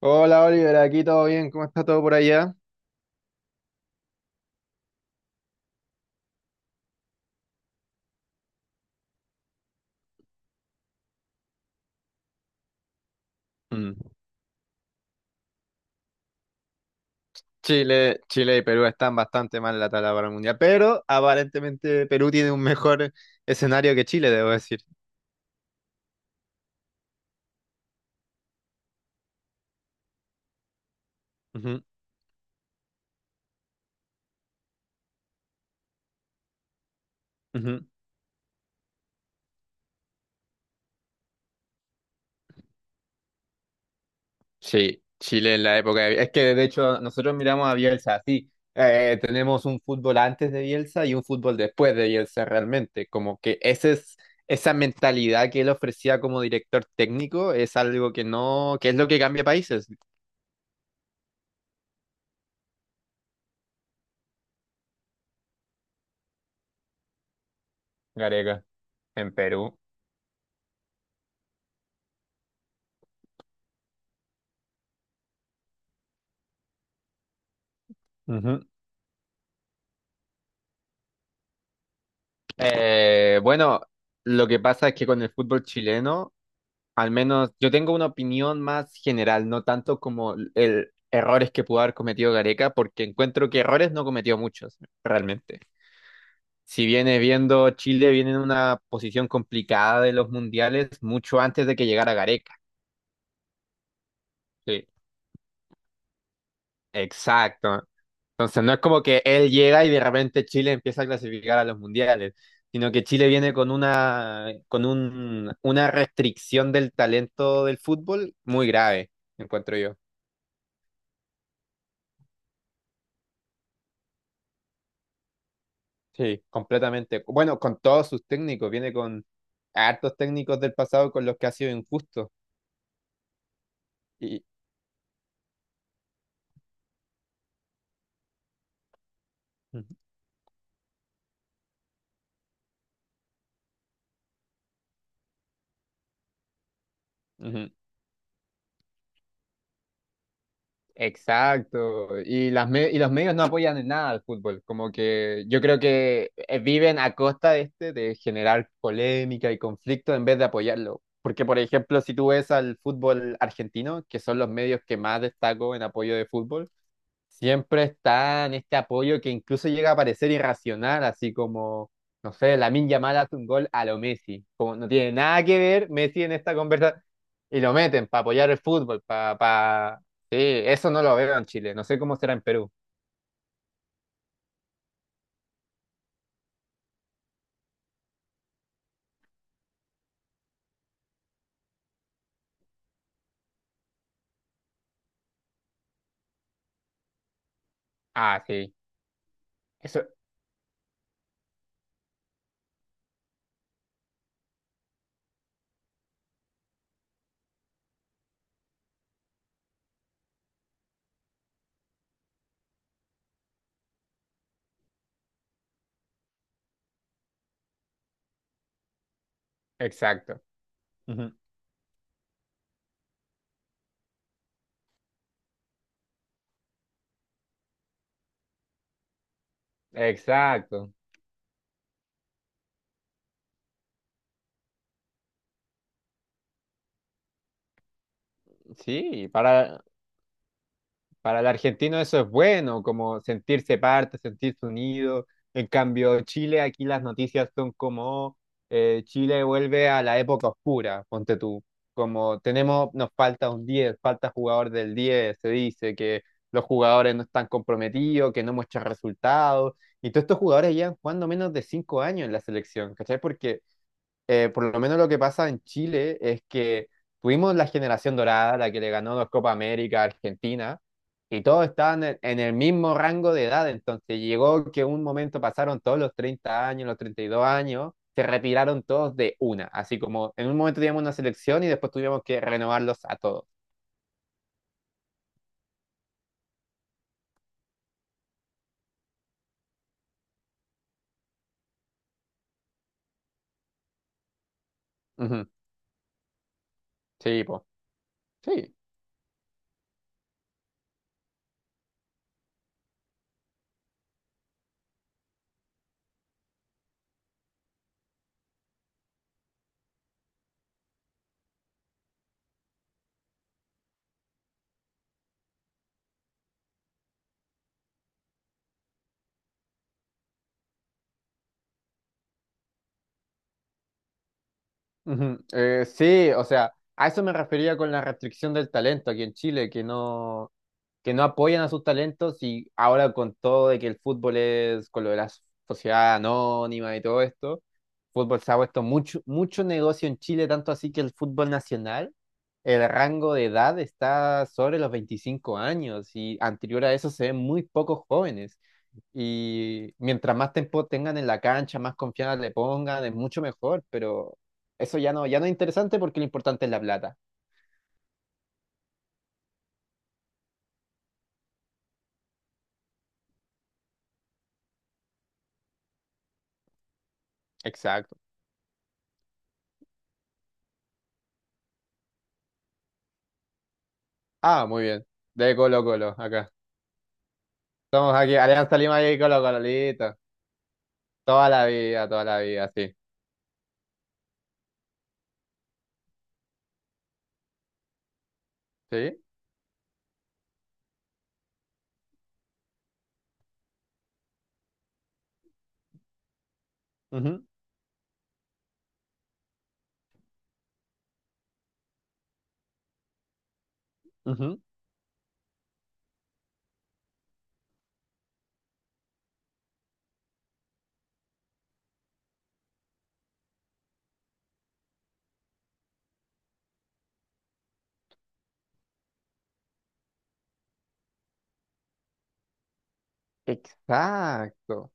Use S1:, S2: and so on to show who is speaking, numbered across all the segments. S1: Hola Oliver, aquí todo bien, ¿cómo está todo por allá? Mm. Chile y Perú están bastante mal en la tabla para el mundial, pero aparentemente Perú tiene un mejor escenario que Chile, debo decir. Ujú, ujú. Sí, Chile en la época Es que de hecho nosotros miramos a Bielsa así. Tenemos un fútbol antes de Bielsa y un fútbol después de Bielsa realmente. Como que ese es, esa mentalidad que él ofrecía como director técnico es algo que no, que es lo que cambia países. Gareca, en Perú. Bueno, lo que pasa es que con el fútbol chileno, al menos yo tengo una opinión más general, no tanto como el errores que pudo haber cometido Gareca, porque encuentro que errores no cometió muchos, realmente. Si viene viendo Chile, viene en una posición complicada de los mundiales mucho antes de que llegara Gareca. Sí. Exacto. Entonces no es como que él llega y de repente Chile empieza a clasificar a los mundiales, sino que Chile viene con una restricción del talento del fútbol muy grave, encuentro yo. Sí, completamente. Bueno, con todos sus técnicos, viene con hartos técnicos del pasado con los que ha sido injusto. Y, Ujú. Exacto, y los medios no apoyan en nada al fútbol, como que yo creo que viven a costa de este de generar polémica y conflicto en vez de apoyarlo. Porque, por ejemplo, si tú ves al fútbol argentino, que son los medios que más destaco en apoyo de fútbol, siempre está en este apoyo que incluso llega a parecer irracional, así como, no sé, Lamine Yamal hace un gol a lo Messi, como no tiene nada que ver Messi en esta conversación, y lo meten para apoyar el fútbol, pa- Sí, eso no lo veo en Chile, no sé cómo será en Perú. Ah, sí, eso, exacto. Ujú. Exacto. Sí. Para el argentino eso es bueno, como sentirse parte, sentirse unido. En cambio, Chile, aquí las noticias son como oh, Chile vuelve a la época oscura, ponte tú. Como tenemos, nos falta un diez, falta jugador del diez, se dice que los jugadores no están comprometidos, que no muestran resultados. Y todos estos jugadores llevan jugando menos de 5 años en la selección, ¿cachai? Porque por lo menos lo que pasa en Chile es que tuvimos la generación dorada, la que le ganó dos Copa América a Argentina, y todos estaban en el mismo rango de edad. Entonces llegó que un momento pasaron todos los 30 años, los 32 años, se retiraron todos de una. Así como en un momento teníamos una selección y después tuvimos que renovarlos a todos. Ujú. Sí, po. Sí. Ujú. Sí, o sea, a eso me refería con la restricción del talento aquí en Chile, que no apoyan a sus talentos y ahora con todo de que el fútbol es, con lo de la sociedad anónima y todo esto, el fútbol se ha puesto mucho, mucho negocio en Chile, tanto así que el fútbol nacional, el rango de edad está sobre los 25 años y anterior a eso se ven muy pocos jóvenes. Y mientras más tiempo tengan en la cancha, más confianza le pongan, es mucho mejor, pero eso ya no, ya no es interesante porque lo importante es la plata. Exacto. Ah, muy bien. De Colo Colo, acá. Somos aquí, Alianza Lima y Colo Colo, listo. Toda la vida, sí. ¿Sí? Ujú, ujú. Exacto.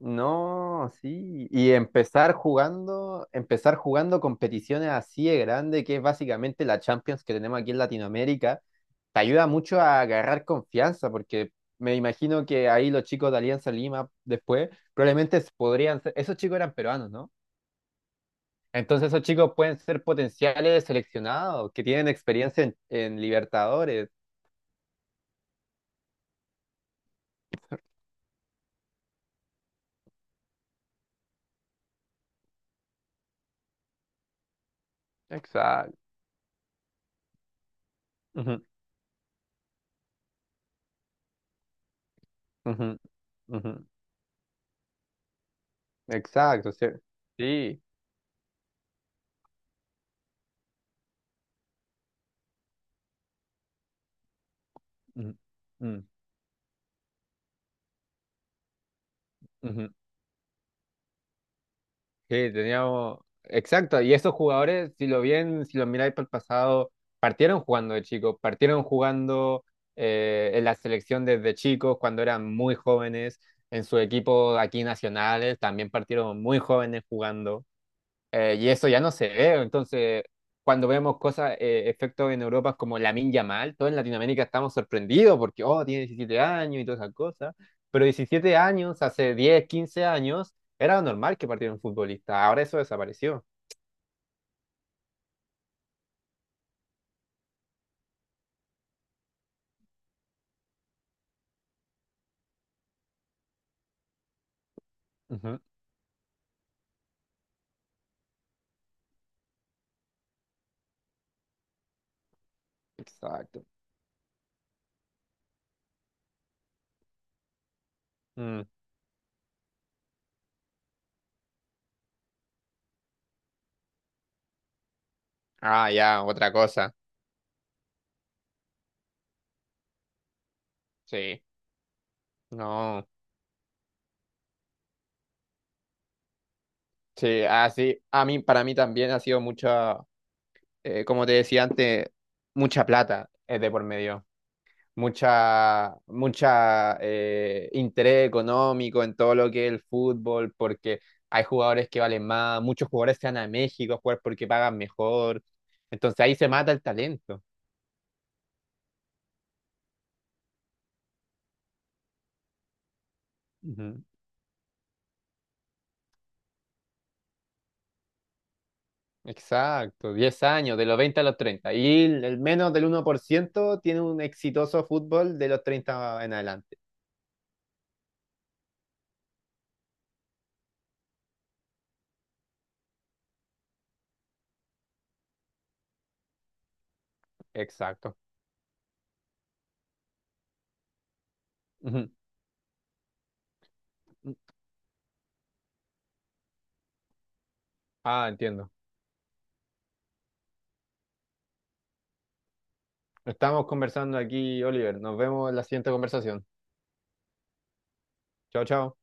S1: No, sí. Y empezar jugando competiciones así de grande, que es básicamente la Champions que tenemos aquí en Latinoamérica, te ayuda mucho a agarrar confianza, porque me imagino que ahí los chicos de Alianza Lima después probablemente podrían ser, esos chicos eran peruanos, ¿no? Entonces esos chicos pueden ser potenciales seleccionados, que tienen experiencia en Libertadores. Exacto. Ujú, ujú, ujú. Exacto, sí. Sí. Ujú, mm, ujú. Sí. Exacto, y esos jugadores, si lo bien, si lo miráis para el pasado, partieron jugando de chicos, partieron jugando en la selección desde chicos, cuando eran muy jóvenes, en su equipo aquí nacionales, también partieron muy jóvenes jugando. Y eso ya no se ve. Entonces, cuando vemos cosas, efectos en Europa como Lamine Yamal, todos en Latinoamérica estamos sorprendidos porque, oh, tiene 17 años y todas esas cosas. Pero 17 años, hace 10 15 años, era normal que partiera un futbolista. Ahora eso desapareció. Ujú, exacto. Mm. Ah, ya, otra cosa. Sí. No. Sí, así, a mí, para mí también ha sido mucha, como te decía antes, mucha plata es de por medio. Mucha, mucha interés económico en todo lo que es el fútbol, porque hay jugadores que valen más, muchos jugadores se van a México a jugar porque pagan mejor. Entonces ahí se mata el talento. Ujú. Exacto, 10 años, de los 20 a los 30. Y el menos del 1% tiene un exitoso fútbol de los 30 en adelante. Exacto. Ujú. Ah, entiendo. Estamos conversando aquí, Oliver. Nos vemos en la siguiente conversación. Chao, chao.